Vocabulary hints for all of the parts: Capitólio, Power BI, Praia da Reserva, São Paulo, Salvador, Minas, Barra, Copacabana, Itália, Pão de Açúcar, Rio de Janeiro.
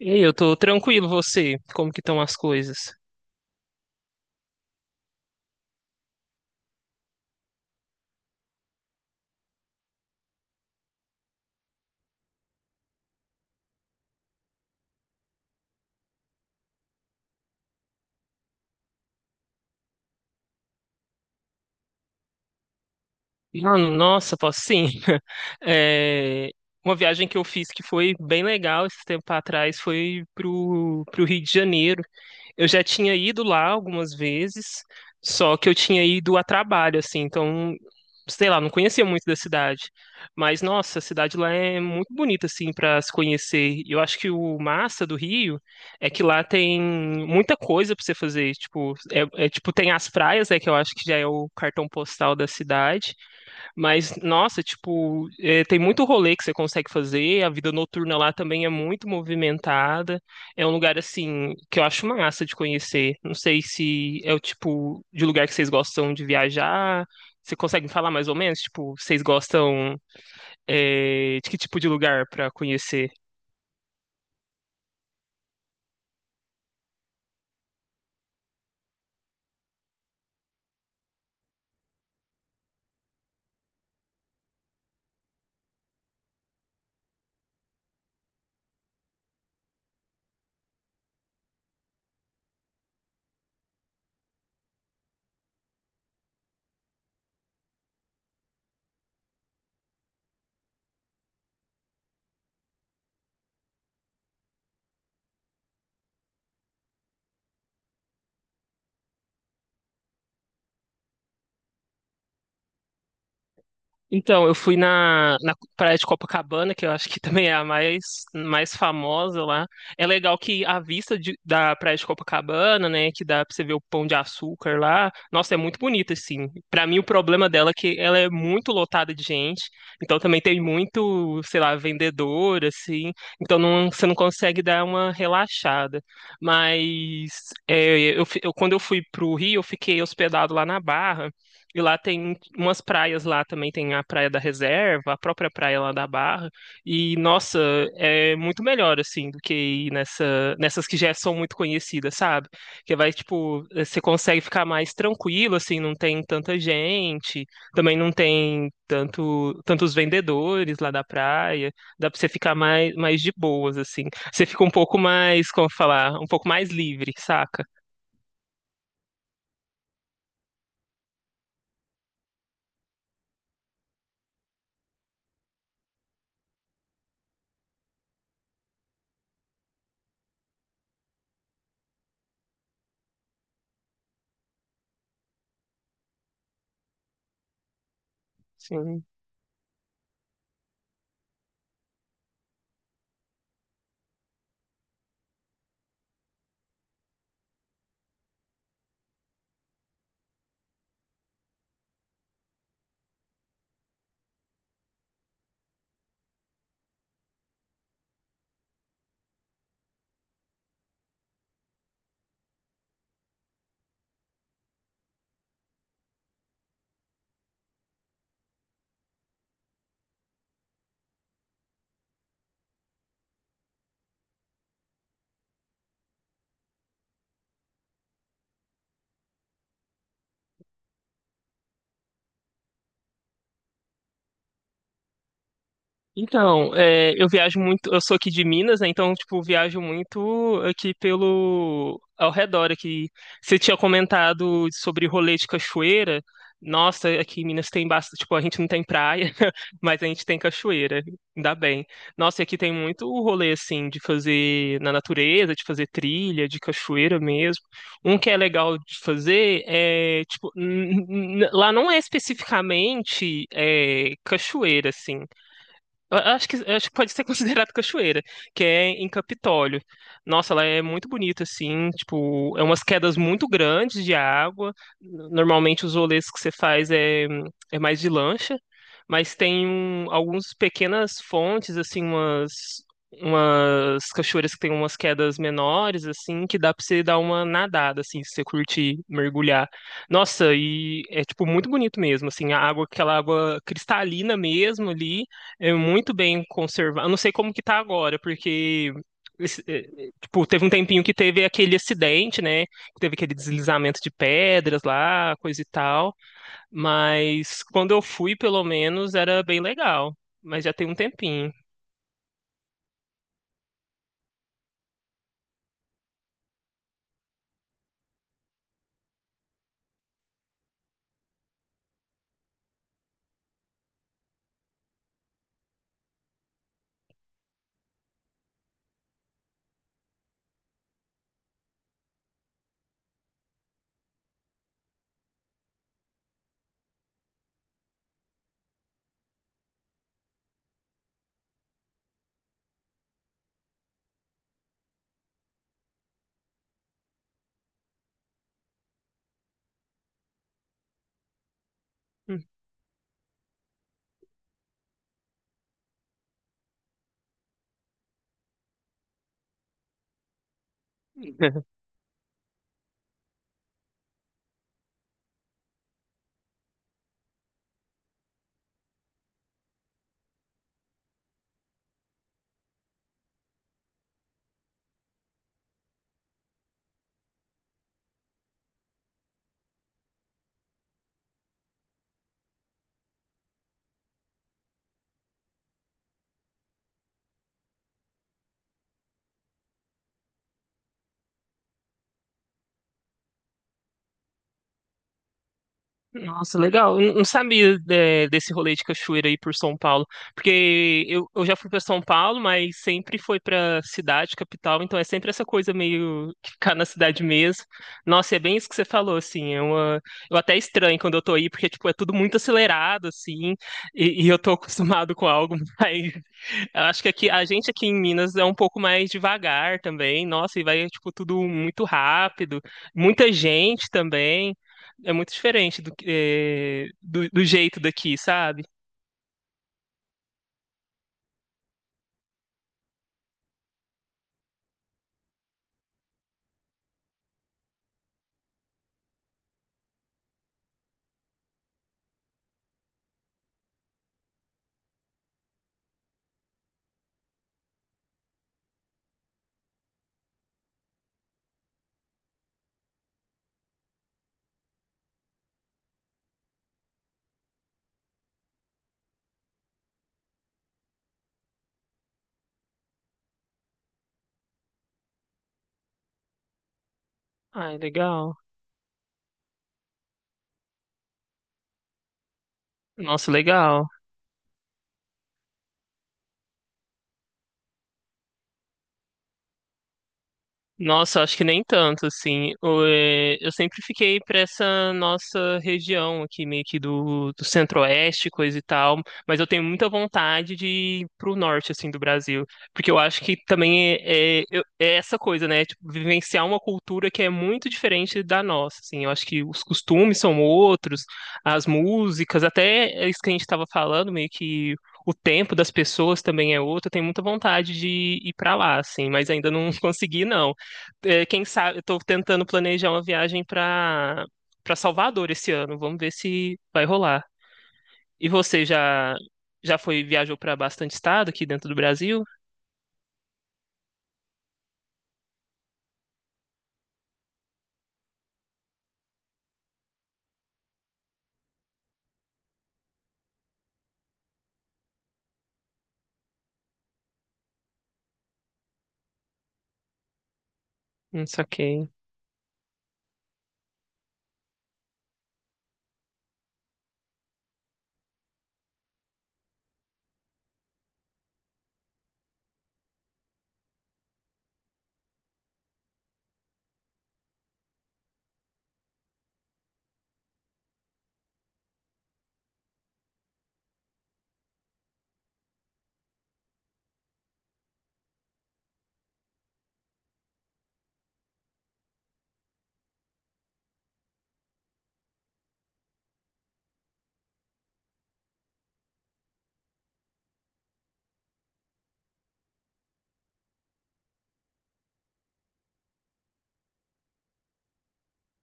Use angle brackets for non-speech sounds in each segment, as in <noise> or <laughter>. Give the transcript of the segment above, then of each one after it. E aí, eu tô tranquilo, você? Como que estão as coisas? Ah, nossa, posso sim. <laughs> É, uma viagem que eu fiz que foi bem legal esse tempo atrás foi pro Rio de Janeiro. Eu já tinha ido lá algumas vezes, só que eu tinha ido a trabalho, assim, então, sei lá, não conhecia muito da cidade. Mas, nossa, a cidade lá é muito bonita, assim, para se conhecer. E eu acho que o massa do Rio é que lá tem muita coisa para você fazer. Tipo, tem as praias, né, que eu acho que já é o cartão postal da cidade. Mas, nossa, tem muito rolê que você consegue fazer, a vida noturna lá também é muito movimentada. É um lugar, assim, que eu acho massa de conhecer. Não sei se é o tipo de lugar que vocês gostam de viajar. Você consegue me falar mais ou menos? Tipo, vocês gostam, de que tipo de lugar para conhecer? Então, eu fui na praia de Copacabana, que eu acho que <laughs> também é a mais famosa lá. É legal que a da praia de Copacabana, né, que dá pra você ver o Pão de Açúcar lá, nossa, é muito bonita, assim. Pra mim, o problema dela é que ela é muito lotada de gente, então também tem muito, sei lá, vendedor, assim, então não, você não consegue dar uma relaxada. Mas quando eu fui pro Rio, eu fiquei hospedado lá na Barra, e lá tem umas praias lá também, tem a Praia da Reserva, a própria praia lá da Barra. E, nossa, é muito melhor, assim, do que ir nessas que já são muito conhecidas, sabe? Que vai, tipo, você consegue ficar mais tranquilo, assim, não tem tanta gente, também não tem tantos vendedores lá da praia, dá pra você ficar mais de boas, assim. Você fica um pouco mais, como falar, um pouco mais livre, saca? Sim. Então, é, eu viajo muito, eu sou aqui de Minas, né? Então, tipo, viajo muito aqui pelo ao redor aqui. Você tinha comentado sobre rolê de cachoeira. Nossa, aqui em Minas tem bastante, tipo, a gente não tem praia, <laughs> mas a gente tem cachoeira, ainda bem. Nossa, e aqui tem muito rolê assim de fazer na natureza, de fazer trilha, de cachoeira mesmo. Um que é legal de fazer é, tipo, lá não é especificamente cachoeira assim. Acho que pode ser <laughs> considerado cachoeira, que é em Capitólio. Nossa, ela é muito bonita, assim, tipo, é umas quedas muito grandes de água. Normalmente os rolês que você faz é mais de lancha, mas tem algumas pequenas fontes, assim, umas cachoeiras que tem umas quedas menores, assim, que dá pra você dar uma nadada, assim, se você curtir mergulhar. Nossa, e é, tipo, muito bonito mesmo, assim, a água, aquela água cristalina mesmo ali é muito bem conservado. Eu não sei como que tá agora, porque esse, eh, eh, tipo, teve um tempinho que teve aquele acidente, né? Teve aquele deslizamento de pedras lá, coisa e tal. Mas quando eu fui, pelo menos, era bem legal. Mas já tem um tempinho. <laughs> Nossa, legal. Eu não sabia desse rolê de cachoeira aí por São Paulo, porque eu já fui para São Paulo, mas sempre foi para cidade, capital, então é sempre essa coisa meio que ficar na cidade mesmo. Nossa, e é bem isso que você falou, assim, é uma... eu até estranho quando eu tô aí, porque, tipo, é tudo muito acelerado, assim, e eu tô <laughs> acostumado com algo. <laughs> Eu acho que aqui, a gente aqui em Minas é um pouco mais devagar também. Nossa, e vai, tipo, tudo muito rápido. Muita gente também. É muito diferente do, que- eh, do, do jeito daqui, sabe? Ai, legal. Nossa, legal. Nossa, acho que nem tanto, assim. Eu sempre fiquei para essa nossa região aqui, meio que do centro-oeste, coisa e tal, mas eu tenho muita vontade de ir pro norte, assim, do Brasil, porque eu acho que também é essa coisa, né? Tipo, vivenciar uma cultura que é muito diferente da nossa, assim. Eu acho que os costumes são outros, as músicas, até isso que a gente estava falando, meio que o tempo das pessoas também é outro. Eu tenho muita vontade de ir para lá, assim, mas ainda não <laughs> consegui, não é, quem sabe, eu tô tentando planejar uma viagem para Salvador esse ano. Vamos ver se vai rolar. E você já foi viajou para bastante estado aqui dentro do Brasil? Não saquei.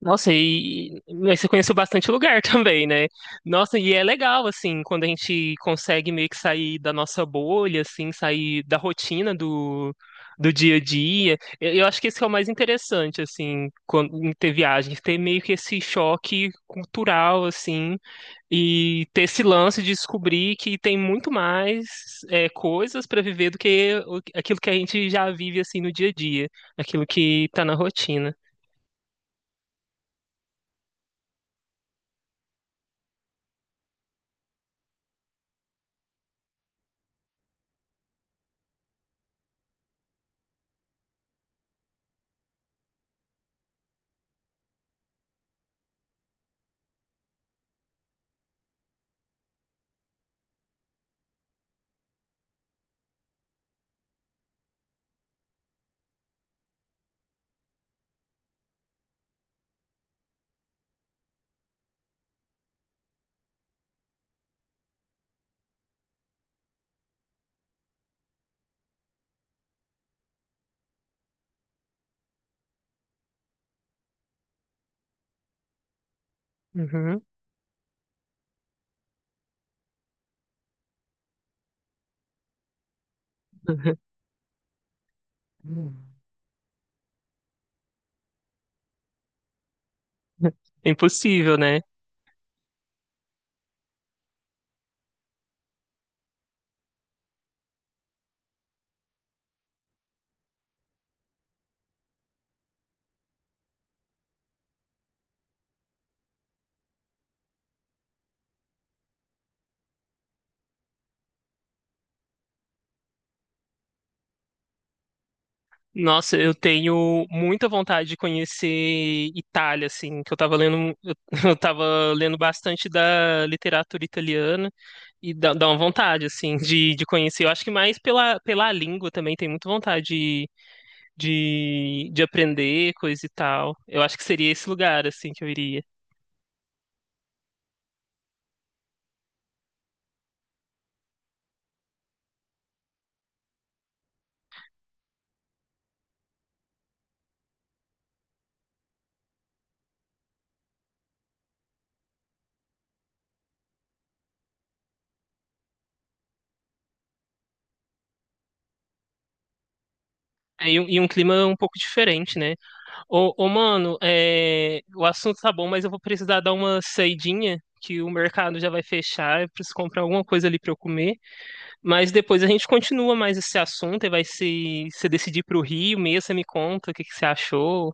Nossa, e mas você conheceu bastante lugar <laughs> também, né? Nossa, e é legal, assim, quando a gente consegue meio que sair da nossa bolha, assim, sair da rotina do dia a dia. Eu acho que esse é o mais interessante, assim, quando, em ter viagem, ter meio que esse choque cultural, assim, e ter esse lance de descobrir que tem muito mais coisas para viver do que aquilo que a gente já vive, assim, no dia a dia, aquilo que tá na rotina. Uhum. Hum. É impossível, né? Nossa, eu tenho muita vontade de conhecer Itália, assim, que eu tava lendo, eu <laughs> eu tava lendo bastante da literatura italiana dá uma vontade, assim, de conhecer. Eu acho que mais pela língua também, tem muita vontade de aprender coisa e tal. Eu acho que seria esse lugar, assim, que eu iria. E um clima um pouco diferente, né? Mano, é, o assunto tá bom, mas eu vou precisar dar uma saidinha, que o mercado já vai fechar, eu preciso comprar alguma coisa ali pra eu comer. Mas depois a gente continua mais esse assunto e vai se decidir pro Rio mesmo, você me conta o que que você achou,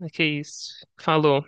o que é isso. Falou.